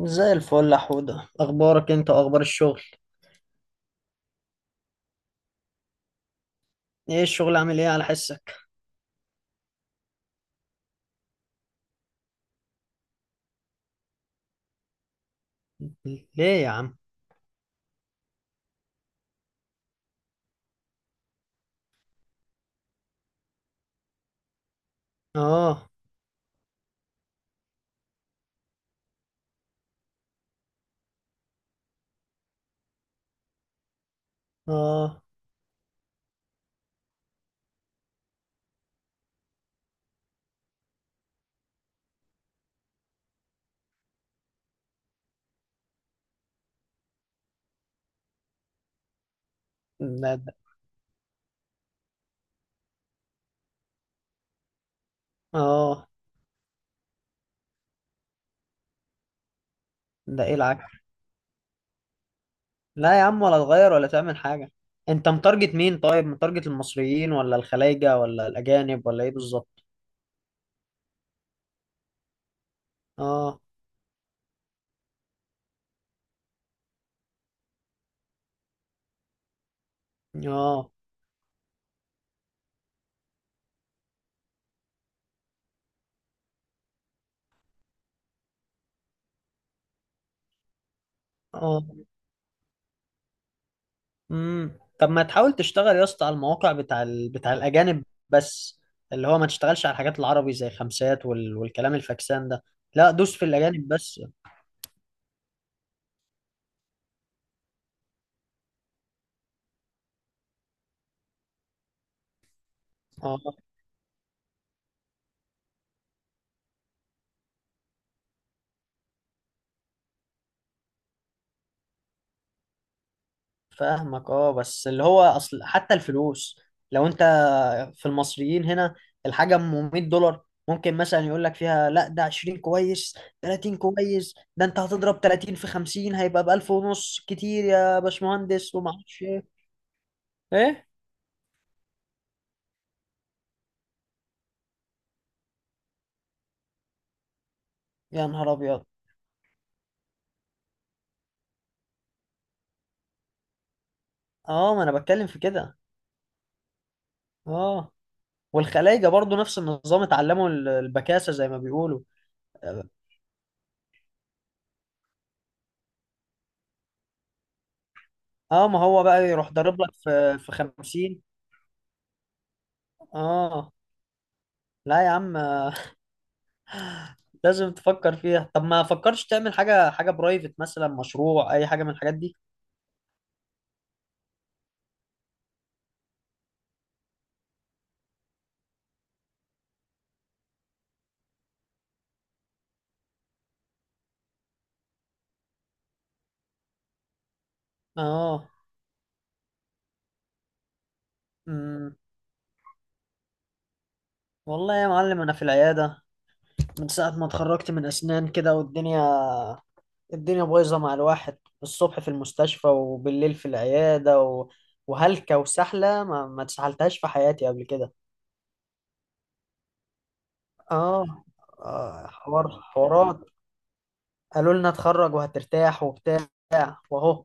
زي الفل يا حودة، اخبارك انت واخبار الشغل. ايه الشغل عامل ايه على حسك؟ ليه يا عم؟ اه. اه. ده ده اه. ده ايه العك؟ لا يا عم، ولا تغير ولا تعمل حاجة. انت متارجت مين؟ طيب متارجت المصريين ولا الخلايجة ولا الاجانب ولا ايه بالظبط؟ اه. اه. اه. طب ما تحاول تشتغل يا اسطى على المواقع بتاع الاجانب بس. اللي هو ما تشتغلش على الحاجات العربي زي خمسات والكلام الفاكسان ده. لا، دوس في الاجانب بس. اه، فاهمك. اه، بس اللي هو اصل حتى الفلوس لو انت في المصريين هنا، الحاجه ام 100 دولار ممكن مثلا يقول لك فيها لا ده 20 كويس، 30 كويس. ده انت هتضرب 30 في 50 هيبقى ب 1000 ونص. كتير يا باشمهندس وما اعرفش ايه. ايه؟ يا نهار ابيض. اه، ما انا بتكلم في كده. اه، والخلايجه برضو نفس النظام. اتعلموا البكاسه زي ما بيقولوا. اه. ما هو بقى يروح ضارب لك في 50. اه. لا يا عم، لازم تفكر فيها. طب ما فكرش تعمل حاجة، حاجة برايفت مثلا، مشروع، أي حاجة من الحاجات دي. اه. امم والله يا معلم أنا في العيادة. من ساعة ما اتخرجت من أسنان كده، والدنيا، الدنيا بايظة مع الواحد. الصبح في المستشفى وبالليل في العيادة. وهلكة وسحلة ما اتسحلتهاش في حياتي قبل كده. اه. حوار حوارات. قالوا لنا اتخرج وهترتاح وبتاع. وأهو،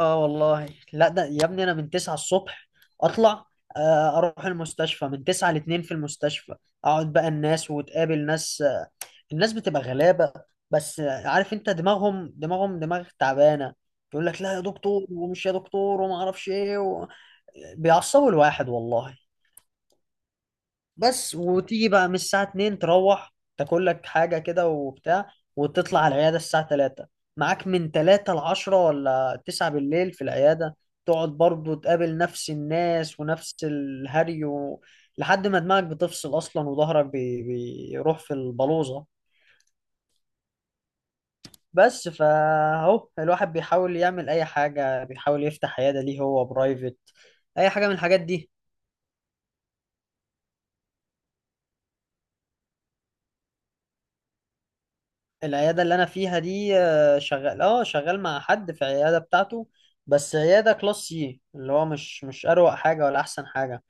اه والله. لا ده يا ابني انا من 9 الصبح اطلع. اروح المستشفى من 9 ل 2. في المستشفى اقعد بقى الناس، وتقابل ناس. الناس بتبقى غلابة. بس عارف انت، دماغهم دماغ تعبانة. يقول لك لا يا دكتور، ومش يا دكتور، وما اعرفش ايه. بيعصبوا الواحد والله. بس وتيجي بقى من الساعة 2 تروح تاكل لك حاجة كده وبتاع، وتطلع على العيادة الساعة 3. معاك من 3 ل 10 ولا 9 بالليل في العيادة. تقعد برضو تقابل نفس الناس ونفس الهري. لحد ما دماغك بتفصل أصلا، وظهرك بيروح في البلوزة. بس فاهو الواحد بيحاول يعمل أي حاجة، بيحاول يفتح عيادة ليه هو برايفت، أي حاجة من الحاجات دي. العيادة اللي أنا فيها دي شغال، اه شغال مع حد في العيادة بتاعته. بس عيادة كلاس سي، اللي هو مش أروق حاجة ولا أحسن حاجة.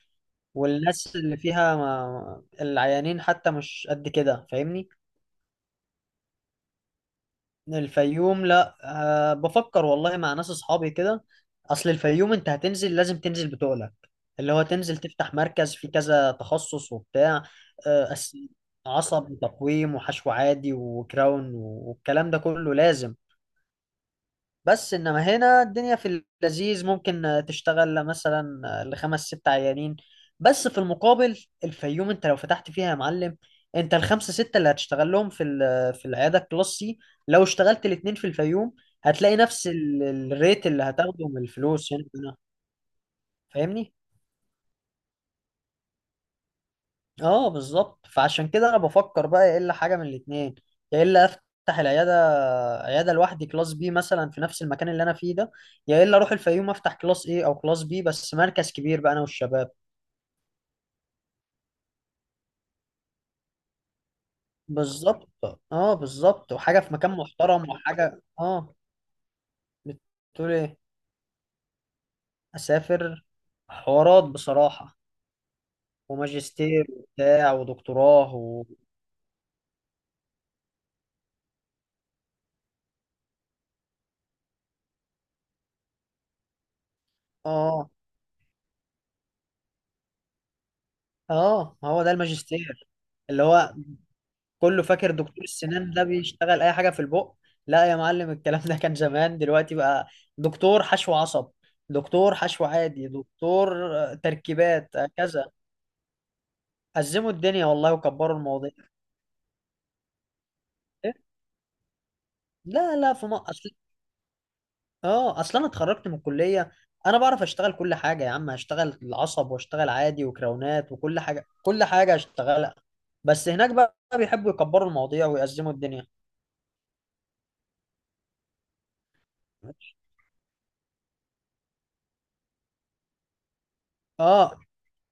والناس اللي فيها، ما العيانين حتى مش قد كده، فاهمني. الفيوم؟ لا، أه بفكر والله مع ناس أصحابي كده. أصل الفيوم أنت هتنزل، لازم تنزل بتقلك اللي هو تنزل تفتح مركز فيه كذا تخصص وبتاع. آه، أس- عصب وتقويم وحشو عادي وكراون، والكلام ده كله لازم. بس انما هنا الدنيا في اللذيذ ممكن تشتغل مثلا لخمس ست عيانين بس. في المقابل الفيوم انت لو فتحت فيها يا معلم، انت الخمسه سته اللي هتشتغل لهم في في العياده الكلاس سي، لو اشتغلت الاتنين في الفيوم هتلاقي نفس الريت اللي هتاخده من الفلوس يعني. فاهمني؟ اه بالظبط. فعشان كده انا بفكر بقى، يا الا حاجه من الاتنين: يا الا افتح العياده، عياده لوحدي كلاس بي مثلا في نفس المكان اللي انا فيه ده، يا الا اروح الفيوم افتح كلاس ايه او كلاس بي، بس مركز كبير بقى انا والشباب. بالظبط، اه بالظبط، وحاجه في مكان محترم وحاجه اه. بتقول ايه؟ اسافر؟ حوارات بصراحه، وماجستير وبتاع ودكتوراه. اه. اه ما هو ده الماجستير. اللي هو كله فاكر دكتور السنان ده بيشتغل اي حاجه في البق. لا يا معلم، الكلام ده كان زمان. دلوقتي بقى دكتور حشو عصب، دكتور حشو عادي، دكتور تركيبات، كذا. أزموا الدنيا والله، وكبروا المواضيع. إيه؟ لا لا، ما اصل، اه اصل انا اتخرجت من الكليه، انا بعرف اشتغل كل حاجه يا عم. هشتغل العصب، واشتغل عادي، وكراونات، وكل حاجه، كل حاجه هشتغلها. بس هناك بقى بيحبوا يكبروا المواضيع ويأزموا الدنيا. اه.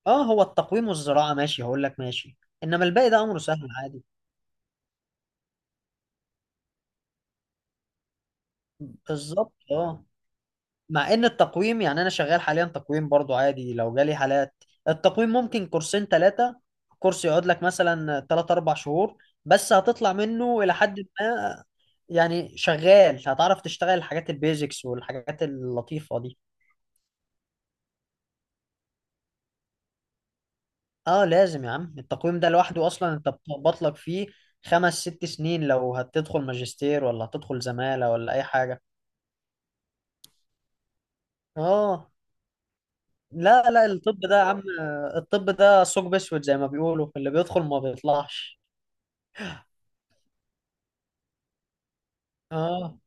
اه، هو التقويم والزراعة ماشي، هقول لك ماشي. انما الباقي ده امره سهل عادي. بالظبط، اه. مع ان التقويم يعني انا شغال حاليا تقويم برضو عادي، لو جالي حالات. التقويم ممكن كورسين ثلاثة. كورس يقعد لك مثلا ثلاث اربع شهور، بس هتطلع منه الى حد ما. يعني شغال هتعرف تشتغل الحاجات البيزكس والحاجات اللطيفة دي. اه لازم يا عم، التقويم ده لوحده اصلا انت بتخبط لك فيه خمس ست سنين، لو هتدخل ماجستير ولا هتدخل زمالة ولا اي حاجة. اه. لا لا، الطب ده يا عم، الطب ده ثقب اسود زي ما بيقولوا، اللي بيدخل ما بيطلعش. اه.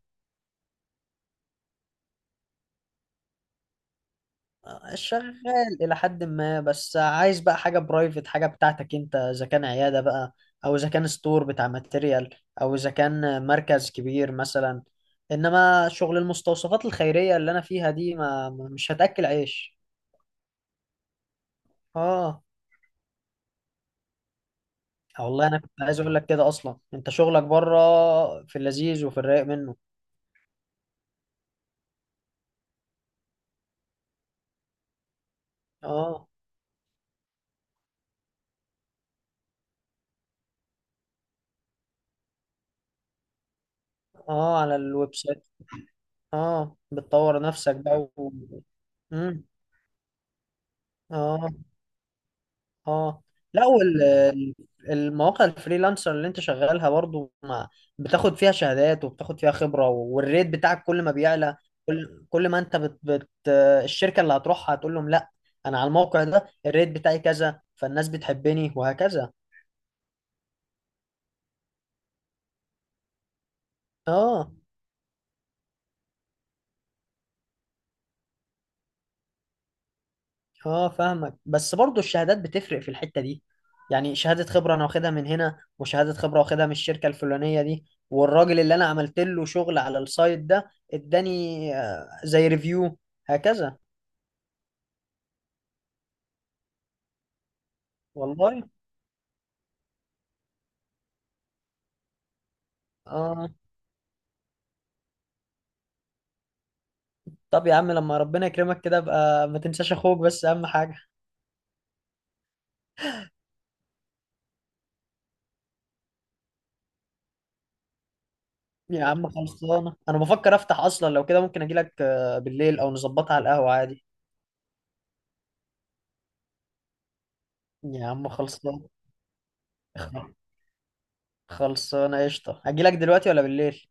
شغال الى حد ما، بس عايز بقى حاجه برايفت، حاجه بتاعتك انت، اذا كان عياده بقى، او اذا كان ستور بتاع ماتيريال، او اذا كان مركز كبير مثلا. انما شغل المستوصفات الخيريه اللي انا فيها دي، مش هتاكل عيش. اه والله، انا كنت عايز اقول لك كده اصلا، انت شغلك بره في اللذيذ وفي الرايق منه. اه. اه، على الويب سايت. اه، بتطور نفسك بقى. مم. اه. اه. لا، والمواقع الفريلانسر اللي انت شغالها برضو ما بتاخد فيها شهادات، وبتاخد فيها خبرة، والريت بتاعك كل ما بيعلى. كل ما انت الشركة اللي هتروحها هتقول لهم لا، انا على الموقع ده الريت بتاعي كذا، فالناس بتحبني وهكذا. اه. اه فاهمك، بس برضو الشهادات بتفرق في الحتة دي. يعني شهادة خبرة انا واخدها من هنا، وشهادة خبرة واخدها من الشركة الفلانية دي، والراجل اللي انا عملت له شغل على السايت ده اداني زي ريفيو، هكذا. والله. اه. طب يا عم لما ربنا يكرمك كده بقى ما تنساش اخوك، بس اهم حاجة. يا عم خلصانة، انا بفكر افتح اصلا. لو كده ممكن اجيلك بالليل او نظبطها على القهوة عادي. يا عم خلصانة. خلصانة قشطة، اجيلك دلوقتي ولا بالليل؟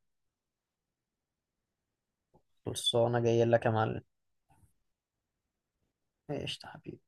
خلصانة، جاي لك يا معلم. ايش حبيبي.